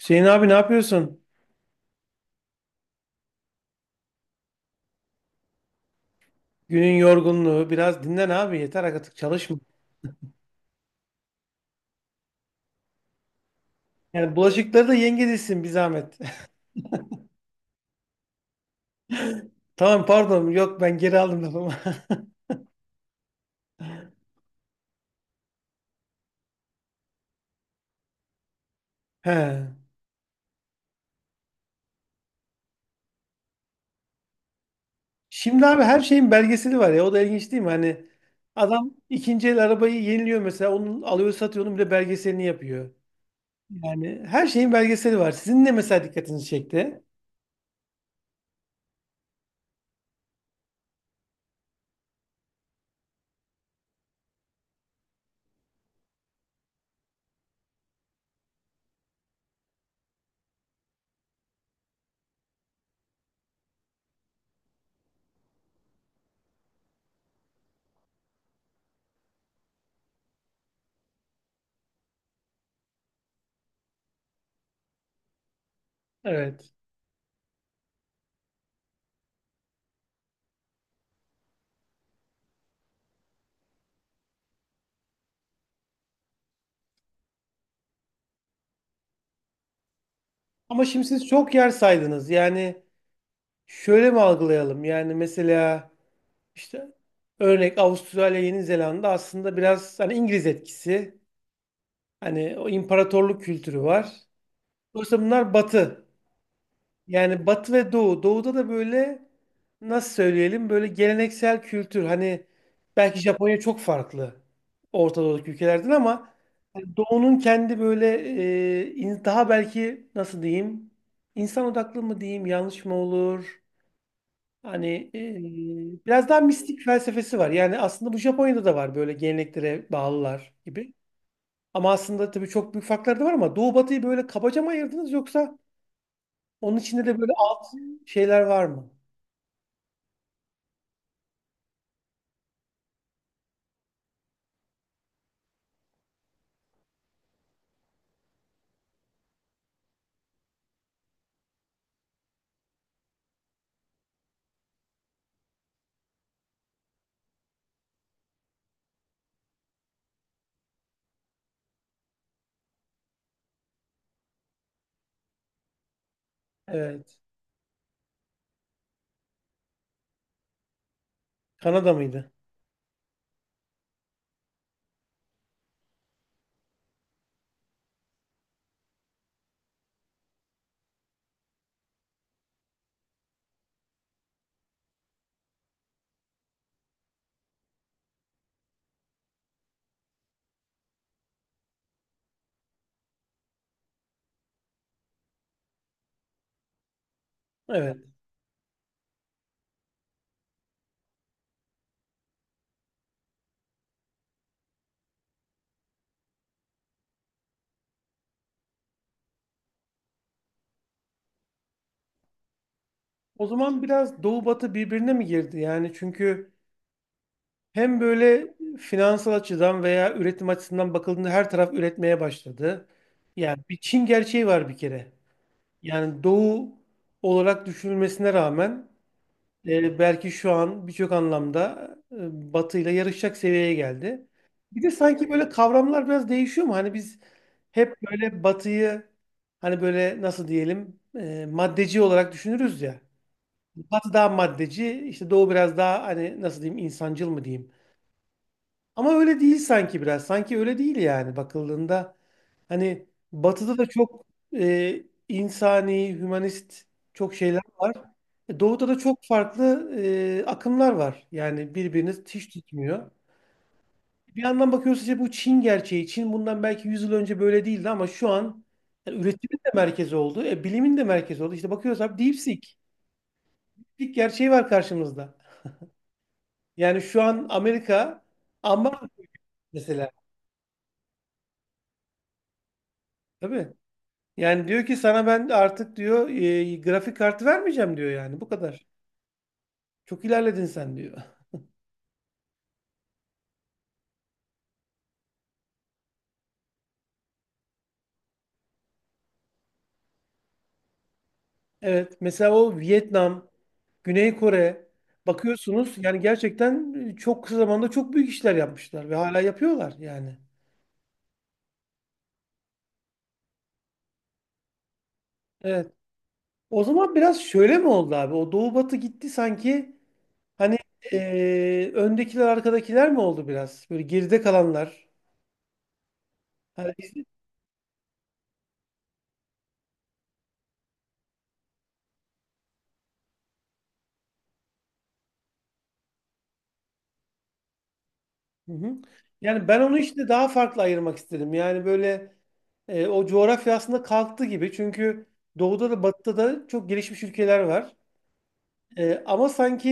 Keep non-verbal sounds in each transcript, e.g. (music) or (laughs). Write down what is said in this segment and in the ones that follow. Hüseyin abi ne yapıyorsun? Günün yorgunluğu. Biraz dinlen abi. Yeter artık çalışma. Yani bulaşıkları da yenge dizsin bir zahmet. (laughs) Tamam pardon. Yok ben geri aldım lafımı. (laughs) He. Şimdi abi her şeyin belgeseli var ya. O da ilginç değil mi? Hani adam ikinci el arabayı yeniliyor mesela. Onu alıyor satıyor. Onun bile belgeselini yapıyor. Yani her şeyin belgeseli var. Sizin ne mesela dikkatinizi çekti? Evet. Ama şimdi siz çok yer saydınız. Yani şöyle mi algılayalım? Yani mesela İşte örnek Avustralya, Yeni Zelanda aslında biraz hani İngiliz etkisi, hani o imparatorluk kültürü var. Dolayısıyla bunlar Batı. Yani Batı ve Doğu. Doğu'da da böyle nasıl söyleyelim böyle geleneksel kültür. Hani belki Japonya çok farklı Orta Doğu'daki ülkelerden ama hani Doğu'nun kendi böyle daha belki nasıl diyeyim insan odaklı mı diyeyim yanlış mı olur? Hani biraz daha mistik felsefesi var. Yani aslında bu Japonya'da da var böyle geleneklere bağlılar gibi. Ama aslında tabii çok büyük farklar da var ama Doğu Batı'yı böyle kabaca mı ayırdınız yoksa onun içinde de böyle alt şeyler var mı? Evet. Kanada mıydı? Evet. O zaman biraz Doğu Batı birbirine mi girdi? Yani çünkü hem böyle finansal açıdan veya üretim açısından bakıldığında her taraf üretmeye başladı. Yani bir Çin gerçeği var bir kere. Yani Doğu olarak düşünülmesine rağmen e, belki şu an birçok anlamda Batı ile yarışacak seviyeye geldi. Bir de sanki böyle kavramlar biraz değişiyor mu? Hani biz hep böyle Batı'yı hani böyle nasıl diyelim maddeci olarak düşünürüz ya. Batı daha maddeci, işte Doğu biraz daha hani nasıl diyeyim insancıl mı diyeyim. Ama öyle değil sanki biraz. Sanki öyle değil yani bakıldığında. Hani batıda da çok e, insani, hümanist çok şeyler var. E, Doğuda da çok farklı akımlar var. Yani birbirini hiç tutmuyor. Bir yandan bakıyoruz işte bu Çin gerçeği. Çin bundan belki 100 yıl önce böyle değildi ama şu an yani üretimin de merkezi oldu. E, bilimin de merkezi oldu. İşte bakıyoruz abi DeepSeek. DeepSeek gerçeği var karşımızda. Yani şu an Amerika ama mesela tabii. Yani diyor ki sana ben artık diyor grafik kartı vermeyeceğim diyor yani bu kadar. Çok ilerledin sen diyor. Evet. Mesela o Vietnam, Güney Kore bakıyorsunuz yani gerçekten çok kısa zamanda çok büyük işler yapmışlar ve hala yapıyorlar yani. Evet. O zaman biraz şöyle mi oldu abi? O Doğu Batı gitti sanki hani öndekiler arkadakiler mi oldu biraz? Böyle geride kalanlar. Hani biz- hı hı. Yani ben onu işte daha farklı ayırmak istedim. Yani böyle o coğrafya aslında kalktı gibi. Çünkü Doğu'da da Batı'da da çok gelişmiş ülkeler var. Ama sanki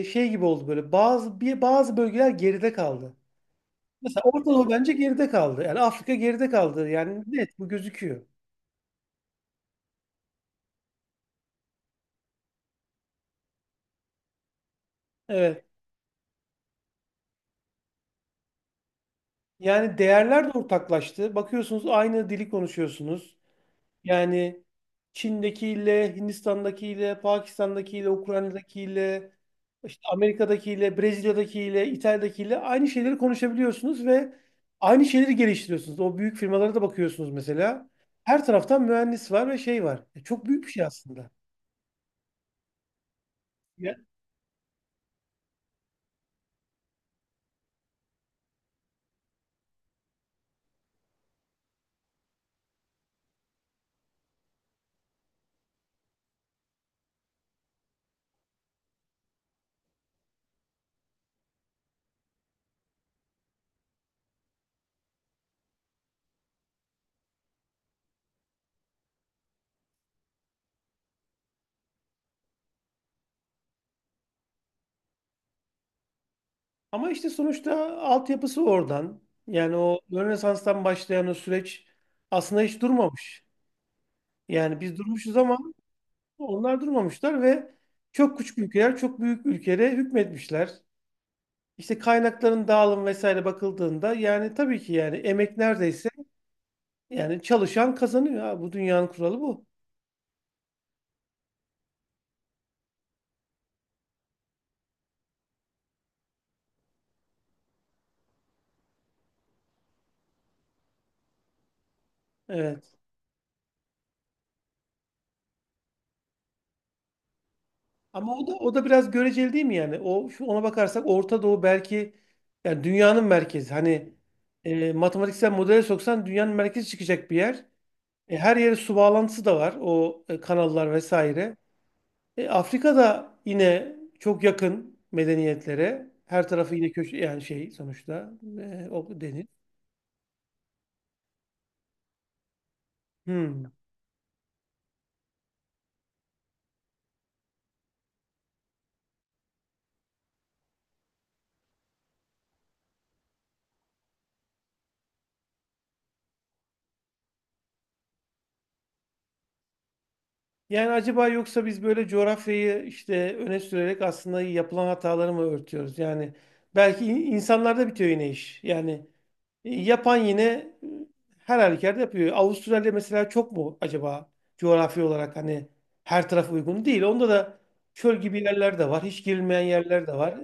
şey gibi oldu böyle bazı bölgeler geride kaldı. Mesela Orta Doğu bence geride kaldı. Yani Afrika geride kaldı. Yani net bu gözüküyor. Evet. Yani değerler de ortaklaştı. Bakıyorsunuz aynı dili konuşuyorsunuz. Yani Çin'dekiyle, Hindistan'dakiyle, Pakistan'dakiyle, Ukrayna'dakiyle, işte Amerika'dakiyle, Brezilya'dakiyle, İtalya'dakiyle aynı şeyleri konuşabiliyorsunuz ve aynı şeyleri geliştiriyorsunuz. O büyük firmalara da bakıyorsunuz mesela. Her taraftan mühendis var ve şey var. E, çok büyük bir şey aslında. Ya, ama işte sonuçta altyapısı oradan. Yani o Rönesans'tan başlayan o süreç aslında hiç durmamış. Yani biz durmuşuz ama onlar durmamışlar ve çok küçük ülkeler çok büyük ülkelere hükmetmişler. İşte kaynakların dağılım vesaire bakıldığında yani tabii ki yani emek neredeyse yani çalışan kazanıyor. Ha, bu dünyanın kuralı bu. Evet. Ama o da o da biraz göreceli değil mi yani? O şu ona bakarsak Orta Doğu belki yani dünyanın merkezi. Hani matematiksel modele soksan dünyanın merkezi çıkacak bir yer. E, her yere su bağlantısı da var. O kanallar vesaire. E, Afrika'da yine çok yakın medeniyetlere. Her tarafı yine köşe yani şey sonuçta o deniz. Hmm. Yani acaba yoksa biz böyle coğrafyayı işte öne sürerek aslında yapılan hataları mı örtüyoruz? Yani belki insanlarda bitiyor yine iş. Yani yapan yine her halükarda yapıyor. Avustralya mesela çok mu acaba coğrafi olarak hani her taraf uygun değil. Onda da çöl gibi yerler de var. Hiç girilmeyen yerler de var.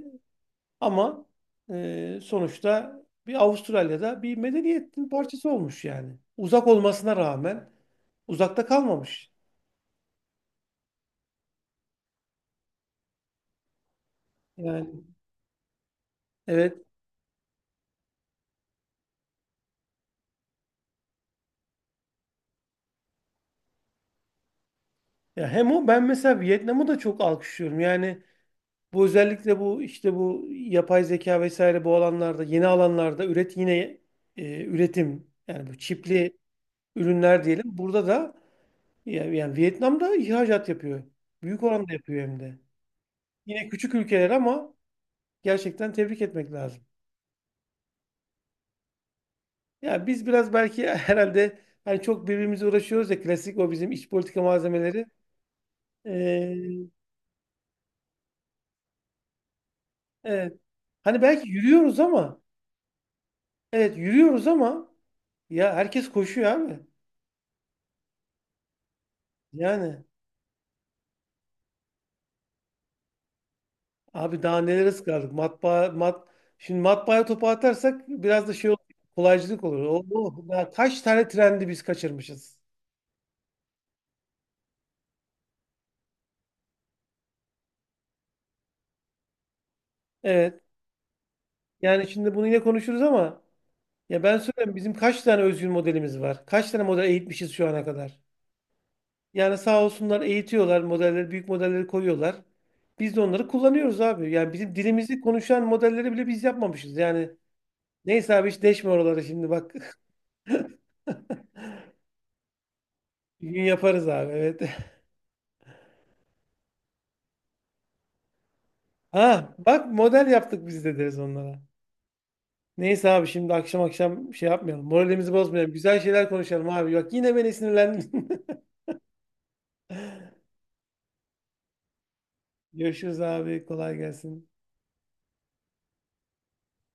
Ama sonuçta bir Avustralya'da bir medeniyetin parçası olmuş yani. Uzak olmasına rağmen uzakta kalmamış. Yani evet. Ya hem o ben mesela Vietnam'ı da çok alkışlıyorum. Yani bu özellikle bu işte bu yapay zeka vesaire bu alanlarda yeni alanlarda üret yine üretim yani bu çipli ürünler diyelim. Burada da yani Vietnam'da ihracat yapıyor. Büyük oranda yapıyor hem de. Yine küçük ülkeler ama gerçekten tebrik etmek lazım. Ya biz biraz belki (laughs) herhalde hani çok birbirimize uğraşıyoruz ya klasik o bizim iç politika malzemeleri. Ee, evet. Hani belki yürüyoruz ama evet yürüyoruz ama ya herkes koşuyor abi. Yani abi daha nelere sıkardık matbaa mat şimdi matbaaya topu atarsak biraz da şey olur, kolaycılık olur. Ya kaç tane trendi biz kaçırmışız. Evet. Yani şimdi bunu yine konuşuruz ama ya ben söyleyeyim bizim kaç tane özgün modelimiz var? Kaç tane model eğitmişiz şu ana kadar? Yani sağ olsunlar eğitiyorlar modelleri, büyük modelleri koyuyorlar. Biz de onları kullanıyoruz abi. Yani bizim dilimizi konuşan modelleri bile biz yapmamışız. Yani neyse abi hiç deşme oraları şimdi bak. (laughs) Bir gün yaparız abi evet. (laughs) Ha bak model yaptık biz de deriz onlara. Neyse abi şimdi akşam akşam şey yapmayalım. Moralimizi bozmayalım. Güzel şeyler konuşalım abi. Bak yine beni sinirlendin. (laughs) Görüşürüz abi. Kolay gelsin.